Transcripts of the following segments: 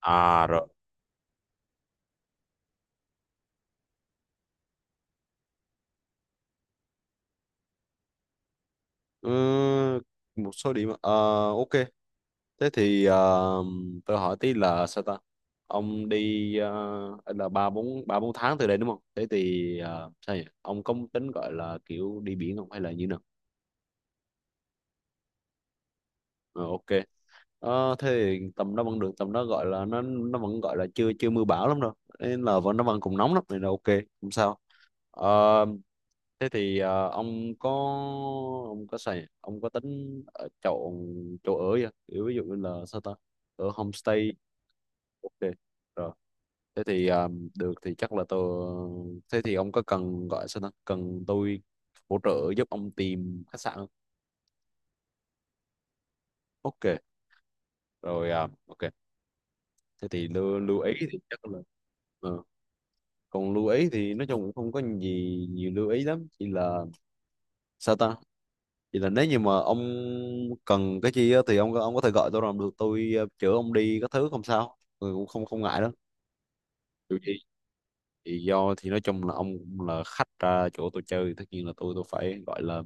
À rồi. Ừ, một số điểm. Ờ, ok. Thế thì tôi hỏi tí là sao ta? Ông đi là ba bốn tháng từ đây đúng không? Thế thì sao nhỉ? Ông có tính gọi là kiểu đi biển không hay là như nào? Ờ, ok. Ờ, thế thì tầm đó vẫn được, tầm đó gọi là nó vẫn gọi là chưa chưa mưa bão lắm đâu. Nên là vẫn nó vẫn còn nóng lắm nên là ok, không sao. Ờ, thế thì ông có tính ở chọn chỗ ở chưa? Kiểu ví dụ như là sao ta, ở homestay? Ok, rồi, thế thì được, thì chắc là tôi, thế thì ông có cần, gọi sao ta, cần tôi hỗ trợ giúp ông tìm khách sạn không? Ok rồi. Ờ, ok, thế thì lưu, ý thì chắc là ờ. còn lưu ý thì nói chung cũng không có gì nhiều lưu ý lắm, chỉ là sao ta, vậy là nếu như mà ông cần cái chi á, thì ông có thể gọi tôi, làm được tôi chở ông đi các thứ, không sao, tôi cũng không không ngại đó. Dù gì thì do, thì nói chung là ông cũng là khách ra chỗ tôi chơi, tất nhiên là tôi phải gọi là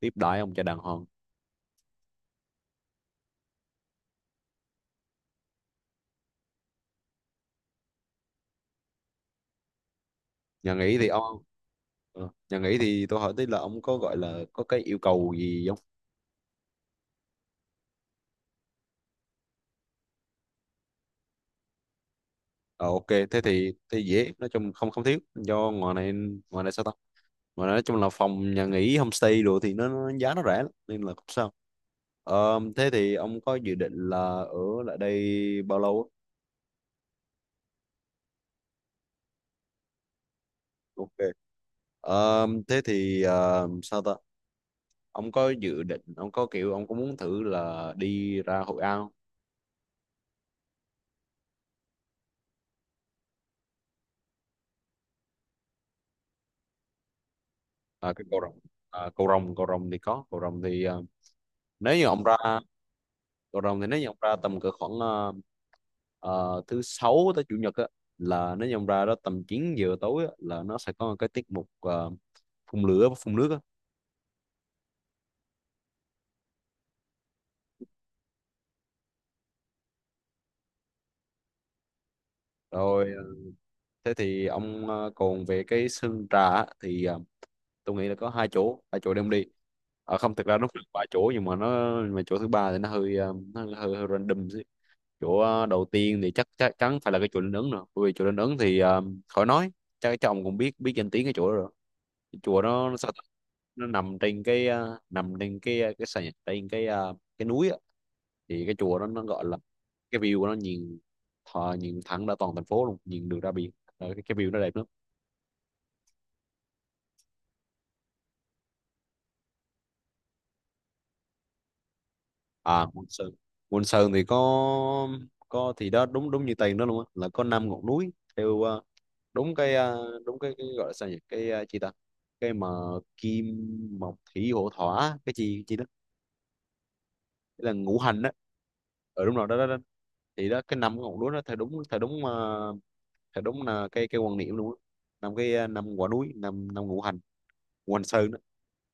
tiếp đãi ông cho đàng hoàng. Nhà nghỉ thì ông, nhà nghỉ thì tôi hỏi tí là ông có, gọi là, có cái yêu cầu gì không? Ờ ok, thế thì thế dễ, nói chung không không thiếu, do ngoài này, ngoài này sao ta, ngoài này nói chung là phòng nhà nghỉ homestay đồ thì nó giá nó rẻ lắm, nên là không sao. Ờ, thế thì ông có dự định là ở lại đây bao lâu á? Ok. Ờ, thế thì sao ta? Ông có dự định, ông có kiểu, ông có muốn thử là đi ra Hội An không? À, cái cầu Rồng. À, cầu Rồng, cầu Rồng thì có, cầu Rồng thì nếu như ông ra cầu Rồng thì, nếu như ông ra tầm cỡ khoảng thứ sáu tới chủ nhật á, là nếu như ông ra đó tầm 9 giờ tối á, là nó sẽ có một cái tiết mục phun lửa và phun nước á. Rồi thế thì ông còn về cái sân trà á, thì tôi nghĩ là có hai chỗ đem đi, à, không, thực ra nó cũng vài chỗ nhưng mà nó, mà chỗ thứ ba thì nó hơi nó hơi, hơi random chứ. Chỗ đầu tiên thì chắc chắc chắn phải là cái chùa Linh Ứng rồi, bởi vì chùa Linh Ứng thì khỏi nói, chắc chắc ông cũng biết biết danh tiếng cái chỗ đó rồi. Cái chùa nó sao ta? Nó nằm trên cái nằm trên cái cái sàn, trên cái cái núi á. Thì cái chùa đó nó gọi là, cái view của nó nhìn nhìn thẳng ra toàn thành phố luôn, nhìn được ra biển. Ờ, cái view nó đẹp lắm. À, Môn Sơn. Môn Sơn thì có thì đó, đúng đúng như tên đó luôn á, là có năm ngọn núi theo đúng cái đúng cái gọi là sao nhỉ, cái chi ta, cái mà kim mộc thủy hỏa thổ cái gì chi đó. Cái là ngũ hành đó? Ở đúng rồi đó, đó đó. Thì đó, cái năm ngọn núi đó theo đúng là cái quan niệm luôn á. Năm cái năm quả núi, năm năm ngũ hành, Ngũ Hành Sơn đó.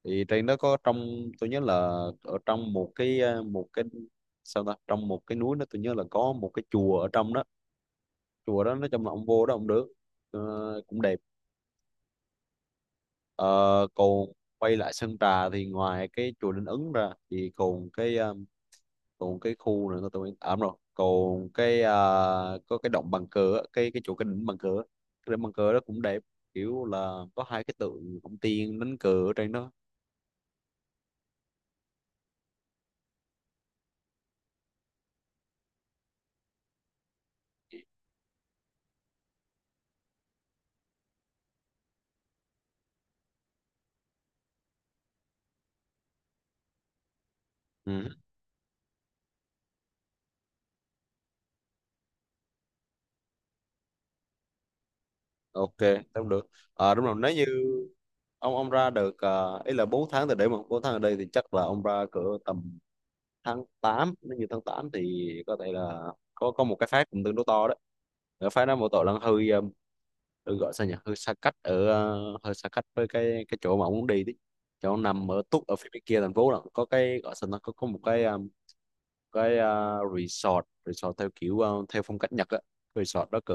Thì trên đó có, trong tôi nhớ là, ở trong một cái một cái sao ta, trong một cái núi đó tôi nhớ là có một cái chùa ở trong đó. Chùa đó nói chung là ông vô đó ông được. Ờ, cũng đẹp. Ờ, còn quay lại Sơn Trà thì, ngoài cái chùa Linh Ứng ra thì còn cái còn cái khu này tôi, à, đúng rồi, còn cái có cái động bằng cửa, cái chỗ, cái đỉnh bằng cửa, cái đỉnh bằng cửa đó cũng đẹp, kiểu là có hai cái tượng ông tiên đánh cờ ở trên đó. Ừ. Ok tao được. À, đúng rồi, nếu như ông ra được, ý là 4 tháng từ đây mà 4 tháng ở đây thì chắc là ông ra cỡ tầm tháng 8. Nếu như tháng 8 thì có thể là có một cái phát cũng tương đối to đấy. Cái phát đó, một tội là hơi hơi, gọi sao nhỉ, hơi xa cách ở hơi xa cách với cái chỗ mà ông muốn đi đấy. Chỗ ông nằm ở túc ở phía bên kia thành phố là có, cái gọi sao, nó có một cái resort resort theo kiểu theo phong cách Nhật á. Resort đó cỡ,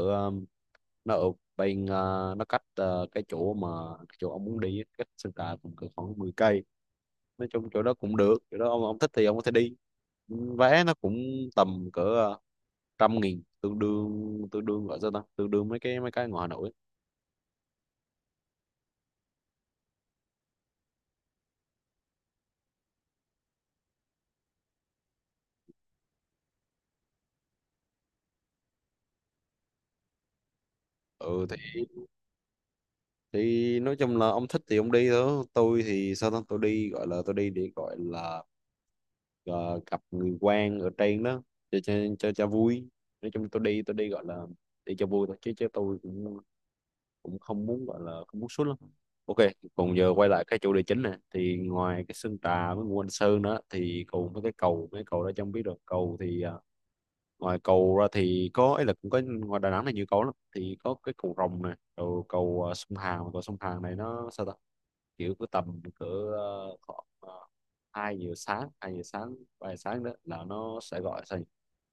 nó ở bên nó cách cái chỗ mà, cái chỗ ông muốn đi á, cách Sơn Trà cũng cỡ khoảng 10 cây. Nói chung chỗ đó cũng được, chỗ đó ông thích thì ông có thể đi. Vé nó cũng tầm cỡ 100.000, tương đương gọi sao ta, tương đương mấy cái ngoài Hà Nội á. Ừ thì, nói chung là ông thích thì ông đi thôi. Tôi thì sao ta, tôi đi gọi là, tôi đi để gọi là ờ, gặp người quen ở trên đó, cho cho cho vui. Nói chung tôi đi gọi là đi cho vui thôi, chứ chứ tôi cũng cũng không muốn, gọi là không muốn sút lắm. Ok. Còn giờ quay lại cái chủ đề chính này thì, ngoài cái Sơn Trà với Ngũ Hành Sơn đó thì còn với cái cầu, mấy cầu đó, chẳng biết được, cầu thì à, ngoài cầu ra thì có ấy, là cũng có, ngoài Đà Nẵng này nhiều cầu lắm, thì có cái cầu Rồng này rồi cầu, à, sông Hàn, cầu sông Hàn này nó sao ta, kiểu cứ tầm cỡ khoảng 2 giờ sáng, 2 giờ sáng, 3 giờ sáng đó, là nó sẽ, gọi sao nhỉ?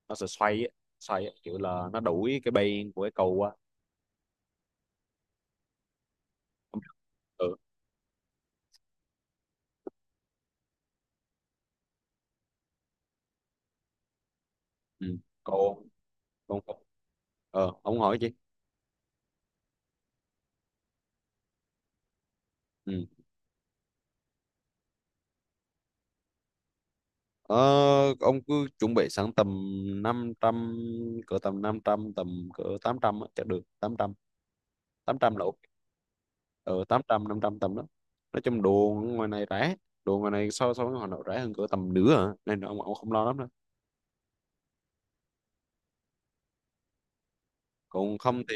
Nó sẽ xoay á, kiểu là nó đuổi cái bên của cái cầu qua. Ừ ừ. cô cô cô- ông hỏi chị. Ừ. Ờ, ông cứ chuẩn bị sẵn tầm 500, cỡ tầm 500, tầm cỡ 800 á, chắc được 800, 800 là ok. Ờ, 800, 500 tầm đó. Nói chung đồ ngoài này rẻ, đồ ngoài này so so với ngoài này rẻ hơn cỡ tầm nửa à, nên ông không lo lắm đâu. còn không thì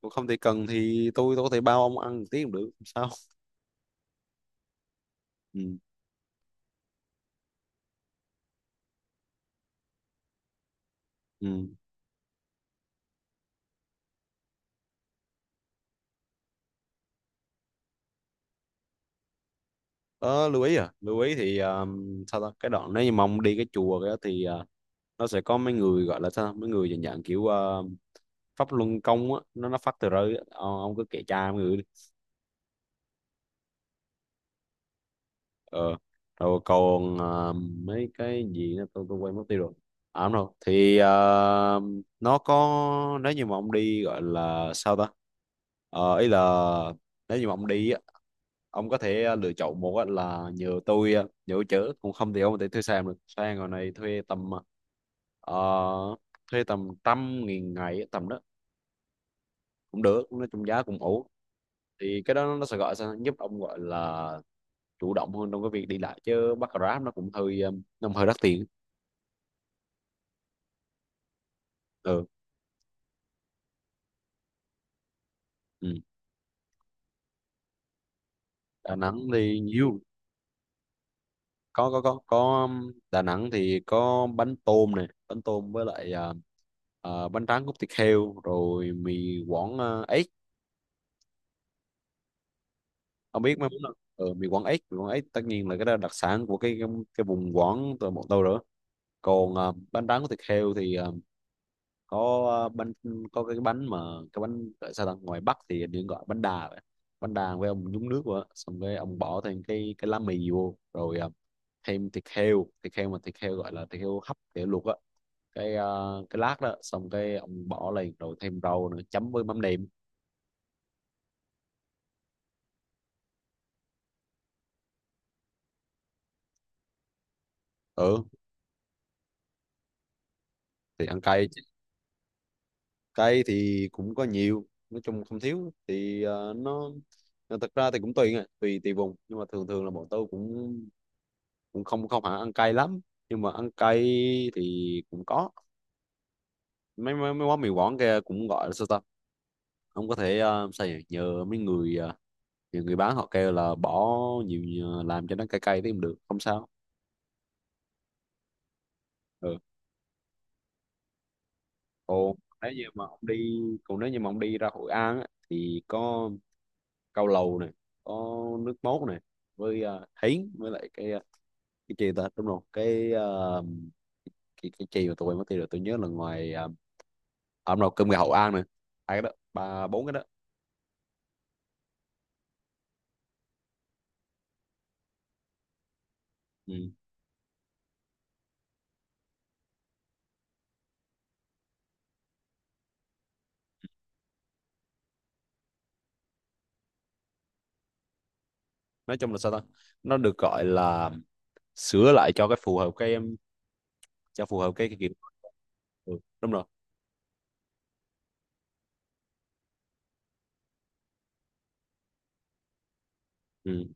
còn không thì cần thì tôi có thể bao ông ăn một tí cũng được không sao. Ừ. Ừ. Ờ, lưu ý à, lưu ý thì sao ta, cái đoạn nếu như mà ông đi cái chùa kia thì nó sẽ có mấy người, gọi là sao, mấy người dạng, kiểu Pháp Luân Công á, nó phát tờ rơi á. Ờ, ông cứ kệ cha mấy người đi. Ờ, rồi còn mấy cái gì nữa, tôi quên mất tiêu rồi. À đúng rồi thì nó có, nếu như mà ông đi, gọi là sao ta, ờ, ý là nếu như mà ông đi á, ông có thể lựa chọn, một á là nhờ tôi chở, cũng không thì ông có thể thuê xe được, xe ngồi này thuê tầm ờ, thuê tầm 100.000 ngày á, tầm đó cũng được, nói chung giá cũng ổn. Thì cái đó nó sẽ, gọi sao, giúp ông, gọi là chủ động hơn trong cái việc đi lại, chứ bắt Grab nó cũng hơi nó hơi đắt tiền. Ừ. Ừ. Đà Nẵng thì nhiều. Có Đà Nẵng thì có bánh tôm này, bánh tôm với lại à, à, bánh tráng cốt thịt heo, rồi mì Quảng, ếch. Ông biết mấy món đó. Ừ, mì Quảng ếch, mì Quảng ếch, tất nhiên là cái đó là đặc sản của cái vùng Quảng từ bọn tôi rồi. Còn à, bánh tráng cốt thịt heo thì à, có bánh, có cái bánh mà, cái bánh gọi sao ta, ngoài Bắc thì hình như gọi bánh đà vậy. Bánh đà với ông nhúng nước vào á, xong cái ông bỏ thêm cái lá mì vô, rồi thêm thịt heo, thịt heo mà thịt heo, gọi là thịt heo hấp, thịt heo luộc á, cái cái lát đó, xong cái ông bỏ lên, rồi thêm rau nữa, chấm với mắm nêm. Ừ thì ăn cay chứ. Cay thì cũng có nhiều, nói chung không thiếu, thì nó thật ra thì cũng tùy à, tùy tùy vùng, nhưng mà thường thường là bọn tôi cũng cũng không không hẳn ăn cay lắm, nhưng mà ăn cay thì cũng có. Mấy mấy, mấy quán mì quảng kia cũng, gọi là sao ta, ông có thể sao nhỉ, nhờ mấy người nhờ người bán họ kêu là bỏ nhiều nhiều- làm cho nó cay cay thì cũng được, không sao. Ừ. Còn nếu như mà ông đi, còn nếu như mà ông đi ra Hội An á, thì có cao lầu này, có nước mốt này, với thính, với lại cái cái gì ta, đúng rồi, cái cái chi mà, tôi quên mất tiêu rồi, tôi nhớ là ngoài ông nào cơm gà Hội An này, hai cái đó, ba bốn cái đó. Ừ. Nói chung là sao ta, nó được gọi là sửa lại cho cái phù hợp cái em, cho phù hợp cái kiểu. Ừ, đúng rồi. Ừ.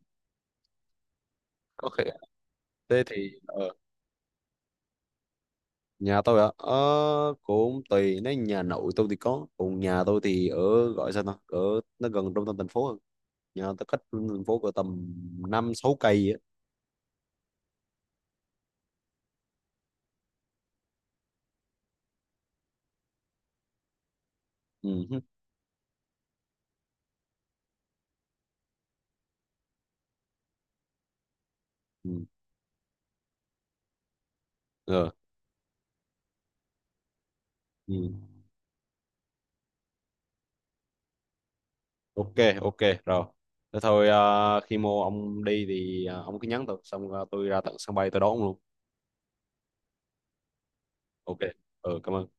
Có khi, thế thì nhà tôi ạ, ờ, cũng tùy, nếu nhà nội tôi thì có, còn nhà tôi thì ở, gọi sao ta, ở nó gần trung tâm thành phố hơn. Nhà tôi cách trung tâm thành phố cỡ tầm 5 6 cây á. Ừ hứ. Ừ. Ờ. Ừ. Ok, ok rồi, thế thôi. Ờ, khi mua ông đi thì ông cứ nhắn tôi, xong tôi ra tận sân bay tôi đón ông luôn. Ok. Ừ, cảm ơn.